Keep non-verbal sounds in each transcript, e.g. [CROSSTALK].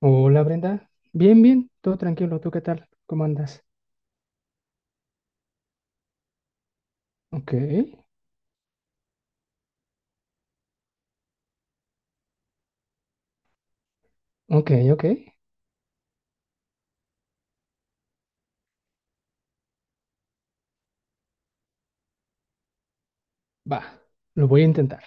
Hola Brenda, bien, bien, todo tranquilo, ¿tú qué tal? ¿Cómo andas? Ok, ok, ok, va, lo voy a intentar.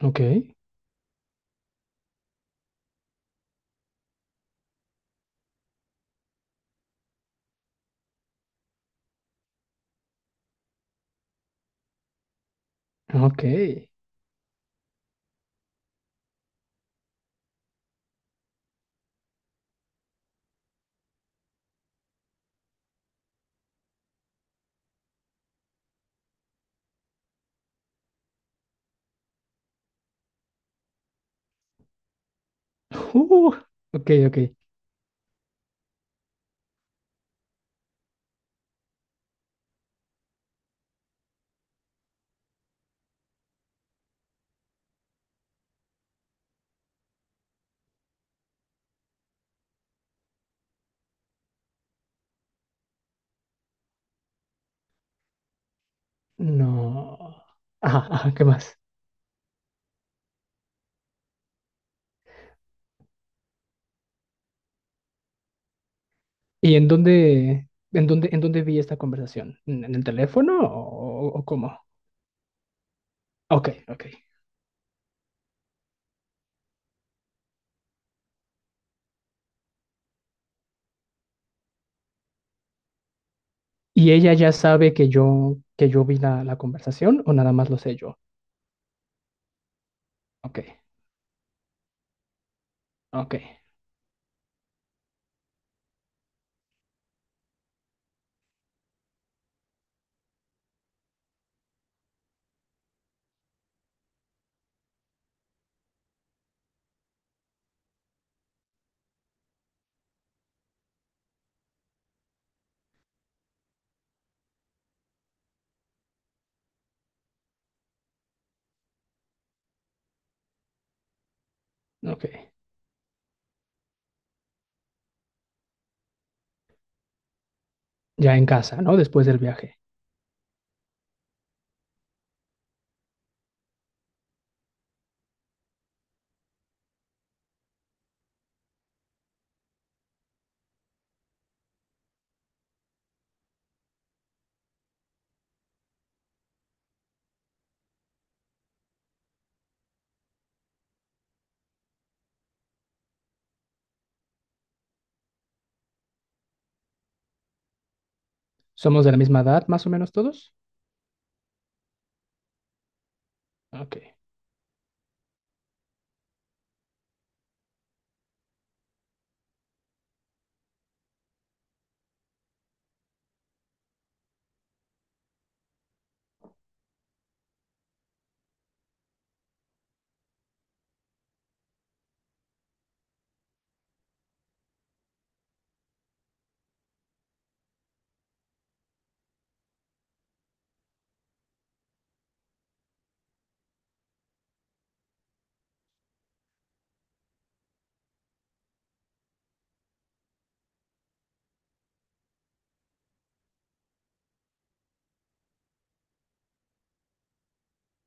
Ok, ok, uh, ok, ok, no, ajá, ajá, ¿qué más? ¿Y en dónde vi esta conversación? ¿En el teléfono o cómo? Ok, ok. ¿Y ella ya sabe que yo vi la conversación o nada más lo sé yo? Ok, ok, ok, ya en casa, ¿no? Después del viaje. ¿Somos de la misma edad, más o menos todos? Ok,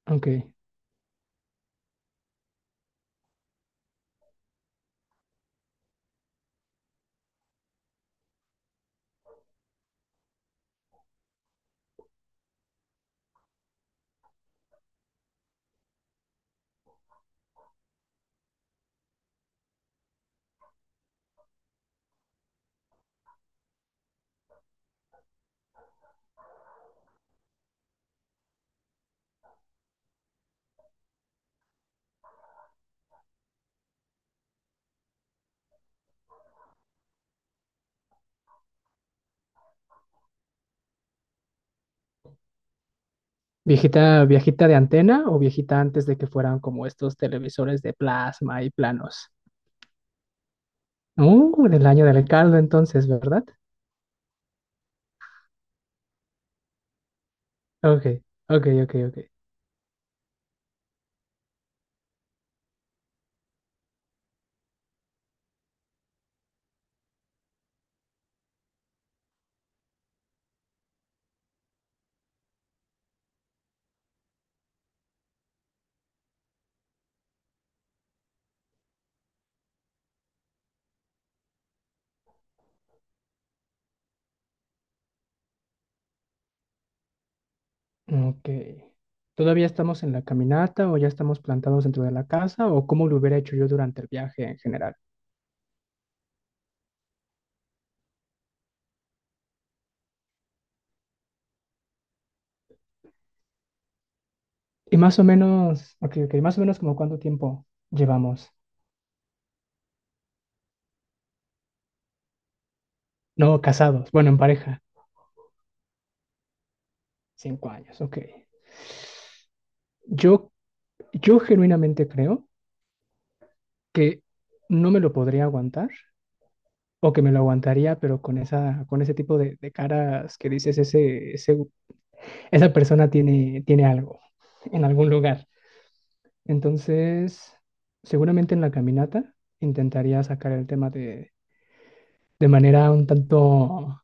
ok. ¿Viejita, viejita de antena o viejita antes de que fueran como estos televisores de plasma y planos? Del año del caldo entonces, ¿verdad? Ok, ok, ok, ok. Ok. ¿Todavía estamos en la caminata o ya estamos plantados dentro de la casa o cómo lo hubiera hecho yo durante el viaje en general? Y más o menos, ok, ok, más o menos como cuánto tiempo llevamos. No, casados, bueno, en pareja. 5 años, ok. Yo, yo genuinamente creo que no me lo podría aguantar o que me lo aguantaría, pero con ese tipo de caras que dices, esa persona tiene algo en algún lugar. Entonces, seguramente en la caminata intentaría sacar el tema de manera un tanto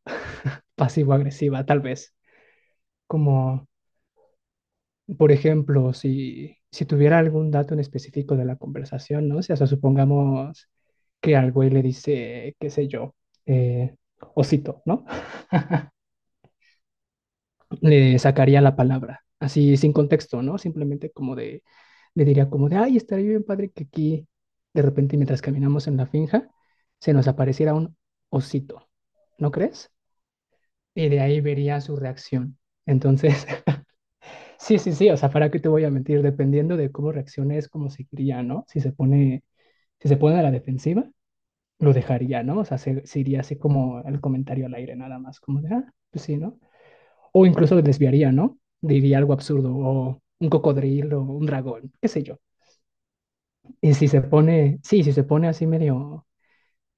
pasivo-agresiva, tal vez, como por ejemplo, si tuviera algún dato en específico de la conversación, ¿no? O sea, o supongamos que al güey le dice, qué sé yo, eh, osito, ¿no? [LAUGHS] Le sacaría la palabra, así sin contexto, ¿no? Simplemente como de, le diría como de, ay, estaría bien padre que aquí, de repente, mientras caminamos en la finja, se nos apareciera un osito, ¿no crees? Y de ahí vería su reacción. Entonces, [LAUGHS] Sí, sí, sí, o sea, ¿para qué te voy a mentir? Dependiendo de cómo reacciones, cómo seguiría, ¿no? Si se pone a la defensiva, lo dejaría, ¿no? O sea, se iría así como el comentario al aire, nada más, como de, ah, pues sí, ¿no? O incluso lo desviaría, ¿no? Diría algo absurdo, o un cocodrilo, o un dragón, qué sé yo. Y si se pone, sí, si se pone así medio,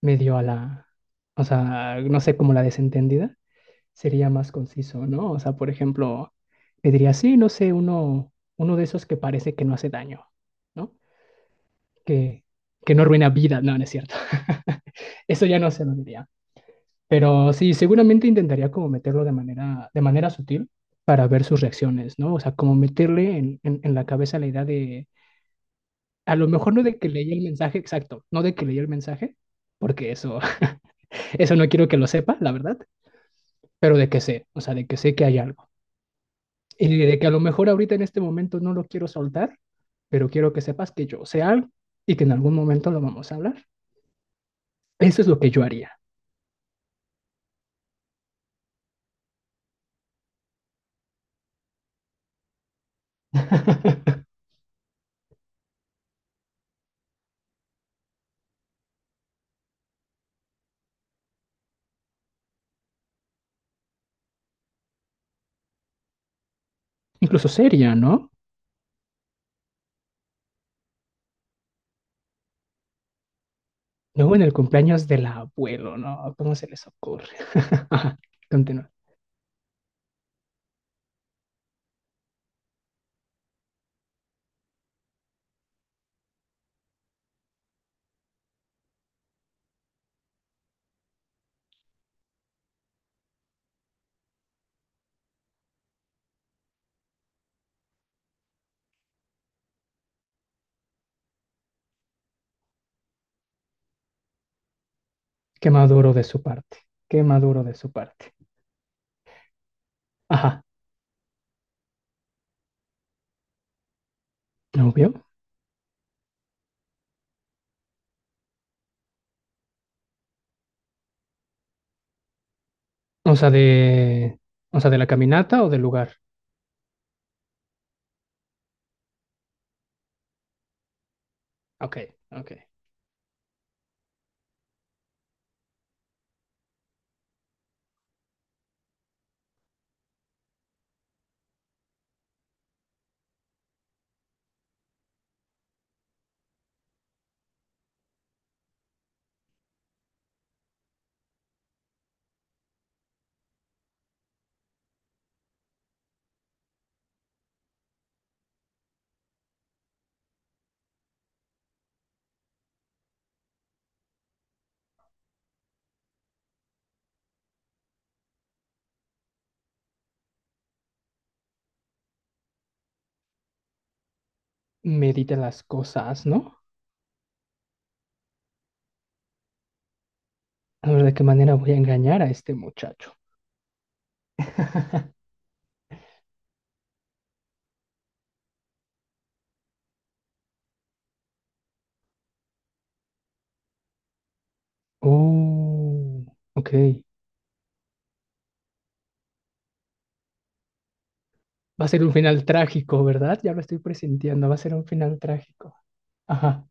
medio a la, o sea, no sé, como la desentendida, sería más conciso, ¿no? O sea, por ejemplo, te diría, sí, no sé, uno de esos que parece que no hace daño, ¿no? Que, que no arruina vida, no, no es cierto. [LAUGHS] Eso ya no se lo diría. Pero sí, seguramente intentaría como meterlo de manera sutil para ver sus reacciones, ¿no? O sea, como meterle en la cabeza la idea de, a lo mejor no de que leí el mensaje exacto, no de que leí el mensaje, porque eso, [LAUGHS] eso no quiero que lo sepa, la verdad, pero de que sé, o sea, de que sé que hay algo. Y de que a lo mejor ahorita en este momento no lo quiero soltar, pero quiero que sepas que yo sé algo y que en algún momento lo vamos a hablar. Eso es lo que yo haría. [LAUGHS] Incluso seria, ¿no? Luego en el cumpleaños del abuelo, ¿no? ¿Cómo se les ocurre? [LAUGHS] Ajá, continúa. Qué maduro de su parte. Qué maduro de su parte. Ajá, obvio. O sea, O sea, de la caminata o del lugar. Ok, ok. Medita las cosas, ¿no? A ver de qué manera voy a engañar a este muchacho. [LAUGHS] Oh, ok. Va a ser un final trágico, ¿verdad? Ya lo estoy presintiendo, va a ser un final trágico. Ajá.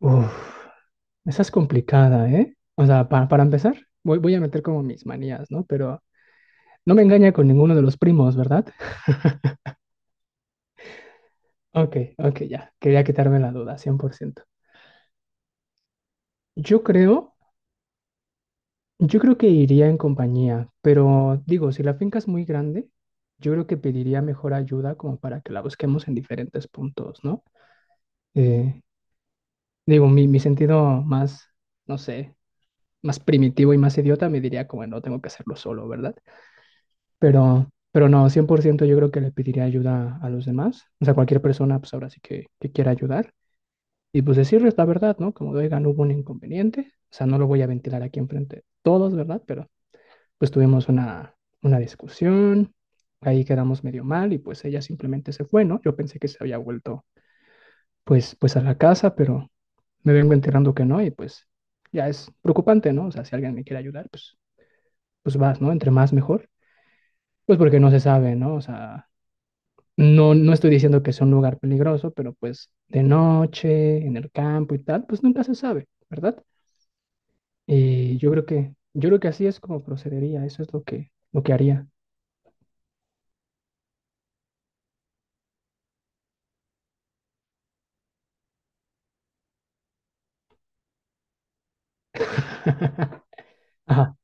Uf, esa es complicada, ¿eh? O sea, para empezar, voy a meter como mis manías, ¿no? Pero no me engaña con ninguno de los primos, ¿verdad? Ok, ok, ya. Quería quitarme la duda, 100%. Yo creo, yo creo que iría en compañía, pero digo, si la finca es muy grande, yo creo que pediría mejor ayuda como para que la busquemos en diferentes puntos, ¿no? Eh, Digo, mi sentido más, no sé, más primitivo y más idiota me diría como no tengo que hacerlo solo, ¿verdad? Pero no, 100% yo creo que le pediría ayuda a los demás. O sea, cualquier persona, pues ahora sí que quiera ayudar. Y pues decirles la verdad, ¿no? Como, oigan, hubo un inconveniente. O sea, no lo voy a ventilar aquí enfrente de todos, ¿verdad? Pero pues tuvimos una discusión, ahí quedamos medio mal y pues ella simplemente se fue, ¿no? Yo pensé que se había vuelto pues a la casa, pero me vengo enterando que no y pues ya es preocupante, ¿no? O sea, si alguien me quiere ayudar, pues vas, ¿no? Entre más mejor, pues porque no se sabe, ¿no? O sea, no, no estoy diciendo que sea un lugar peligroso, pero pues de noche, en el campo y tal, pues nunca se sabe, ¿verdad? Y yo creo que así es como procedería, eso es lo que haría. [LAUGHS] Ajá,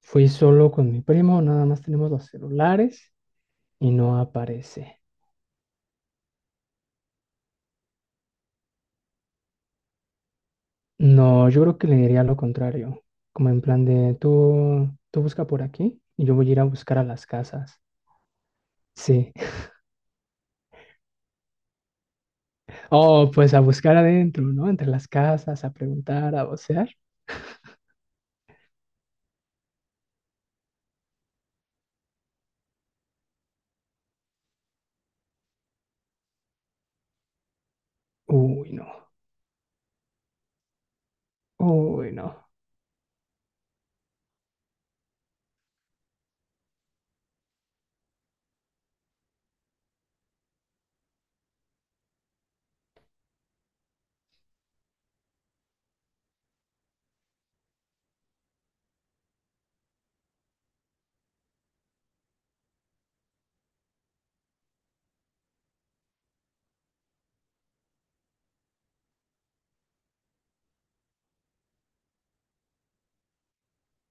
fui solo con mi primo, nada más tenemos los celulares y no aparece. No, yo creo que le diría lo contrario, como en plan de tú busca por aquí y yo voy a ir a buscar a las casas. Sí. [LAUGHS] Oh, pues a buscar adentro, ¿no? Entre las casas, a preguntar, a vocear. Uy, no. Uy, no.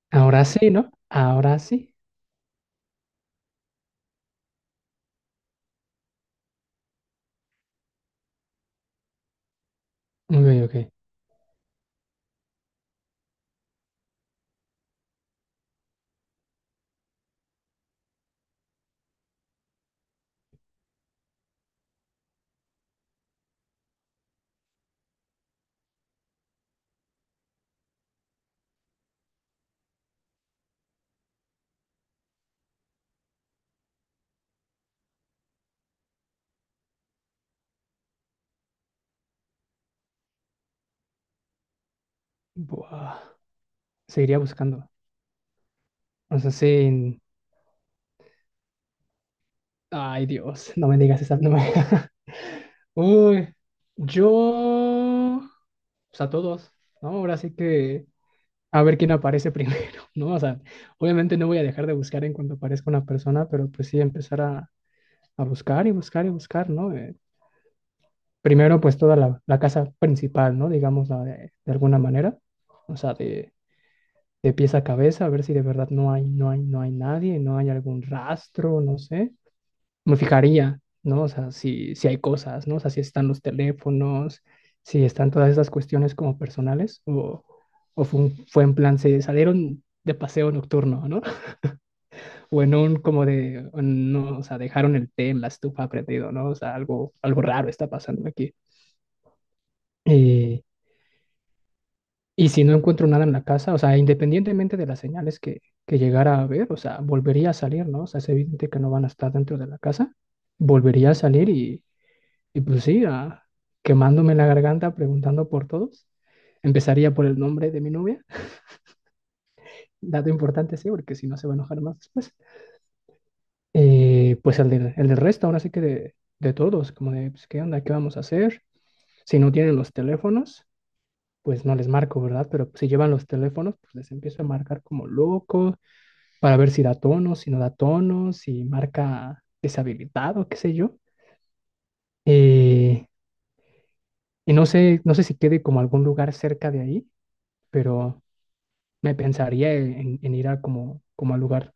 Ahora sí, ¿no? Ahora sí. Ok, ok. Buah. Seguiría buscando. O sea, sí. Ay, Dios, no me digas esa. No me- [LAUGHS] Uy, yo. Pues a todos, ¿no? Ahora sí que. A ver quién aparece primero, [LAUGHS] ¿no? O sea, obviamente no voy a dejar de buscar en cuanto aparezca una persona, pero pues sí empezar a buscar y buscar y buscar, ¿no? Primero, pues toda la casa principal, ¿no? Digamos, la de alguna manera, o sea, de pies a cabeza, a ver si de verdad no hay, no hay, no hay nadie, no hay algún rastro, no sé me fijaría, ¿no? O sea, si hay cosas, ¿no? O sea, si están los teléfonos, si están todas esas cuestiones como personales, o fue en plan, se salieron de paseo nocturno, ¿no? [LAUGHS] O en un como de, no, o sea, dejaron el té en la estufa prendido, ¿no? O sea, algo raro está pasando aquí. Eh, y si no encuentro nada en la casa, o sea, independientemente de las señales que llegara a ver, o sea, volvería a salir, ¿no? O sea, es evidente que no van a estar dentro de la casa volvería a salir y, Y pues sí, quemándome la garganta preguntando por todos. Empezaría por el nombre de mi novia, dato importante, sí, porque si no se va a enojar más después. Pues el del resto, ahora sí que de todos, como de, pues, ¿qué onda? ¿Qué vamos a hacer? Si no tienen los teléfonos, pues no les marco, ¿verdad? Pero si llevan los teléfonos, pues les empiezo a marcar como loco, para ver si da tono, si no da tono, si marca deshabilitado, qué sé yo. Eh, y no sé si quede como algún lugar cerca de ahí, pero... me pensaría en ir a como al lugar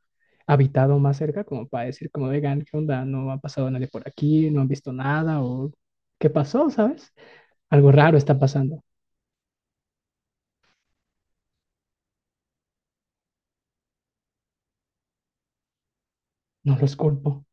habitado más cerca, como para decir, como, vegan, ¿qué onda? No ha pasado nadie por aquí, no han visto nada, o ¿qué pasó, sabes? Algo raro está pasando. No los culpo.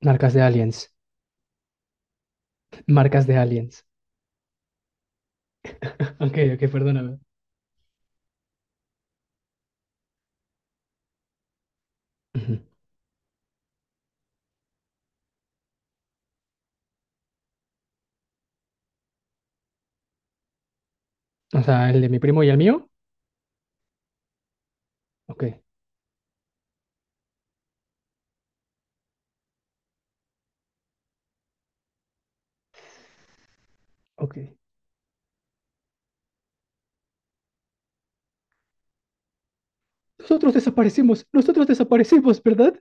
Marcas de aliens. Marcas de aliens. [LAUGHS] Ok, ok, perdóname. Ujú. O sea, el de mi primo y el mío. Ok, ok. Nosotros desaparecimos, ¿verdad?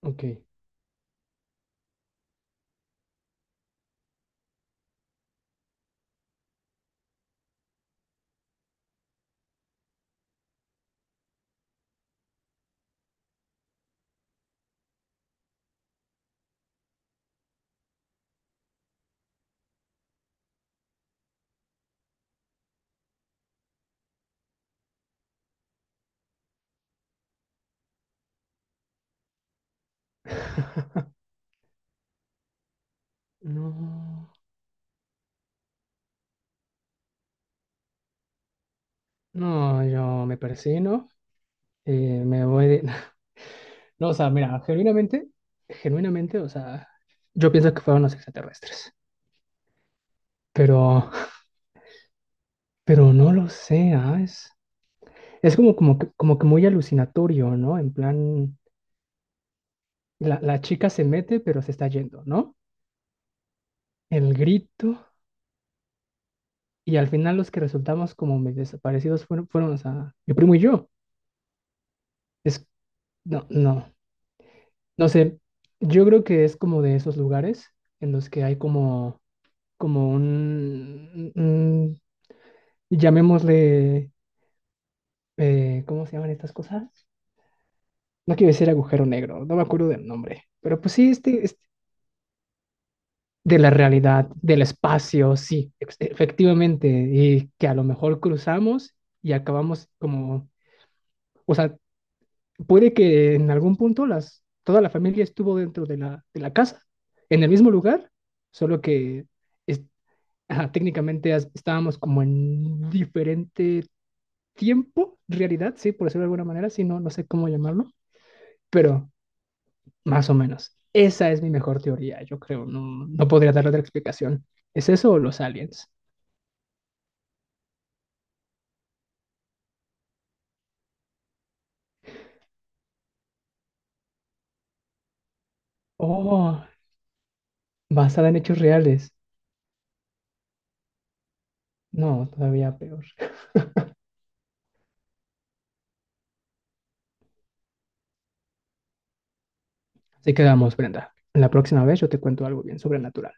Ok. [LAUGHS] No, no, yo me persino. eh, me voy de- [LAUGHS] No, o sea, mira, genuinamente, genuinamente, o sea, yo pienso que fueron los extraterrestres, pero, pero no lo sé, Es como, como que muy alucinatorio, ¿no? En plan, la chica se mete, pero se está yendo, ¿no? El grito, y al final los que resultamos como medio desaparecidos fueron, o sea, mi primo y yo. Es, no, no, no sé, yo creo que es como de esos lugares en los que hay como llamémosle ¿cómo se llaman estas cosas? No quiero decir agujero negro, no me acuerdo del nombre, pero pues sí, de la realidad, del espacio, sí, efectivamente, y que a lo mejor cruzamos y acabamos como, o sea, puede que en algún punto toda la familia estuvo dentro de la casa, en el mismo lugar, solo que es- ajá, técnicamente estábamos como en diferente tiempo, realidad, sí, por decirlo de alguna manera, sí, no, no sé cómo llamarlo, pero... Más o menos. Esa es mi mejor teoría, yo creo. No, no podría dar otra explicación. ¿Es eso o los aliens? Oh, basada en hechos reales. No, todavía peor. Así que vamos, Brenda. La próxima vez yo te cuento algo bien sobrenatural.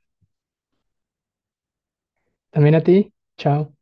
También a ti. Chao.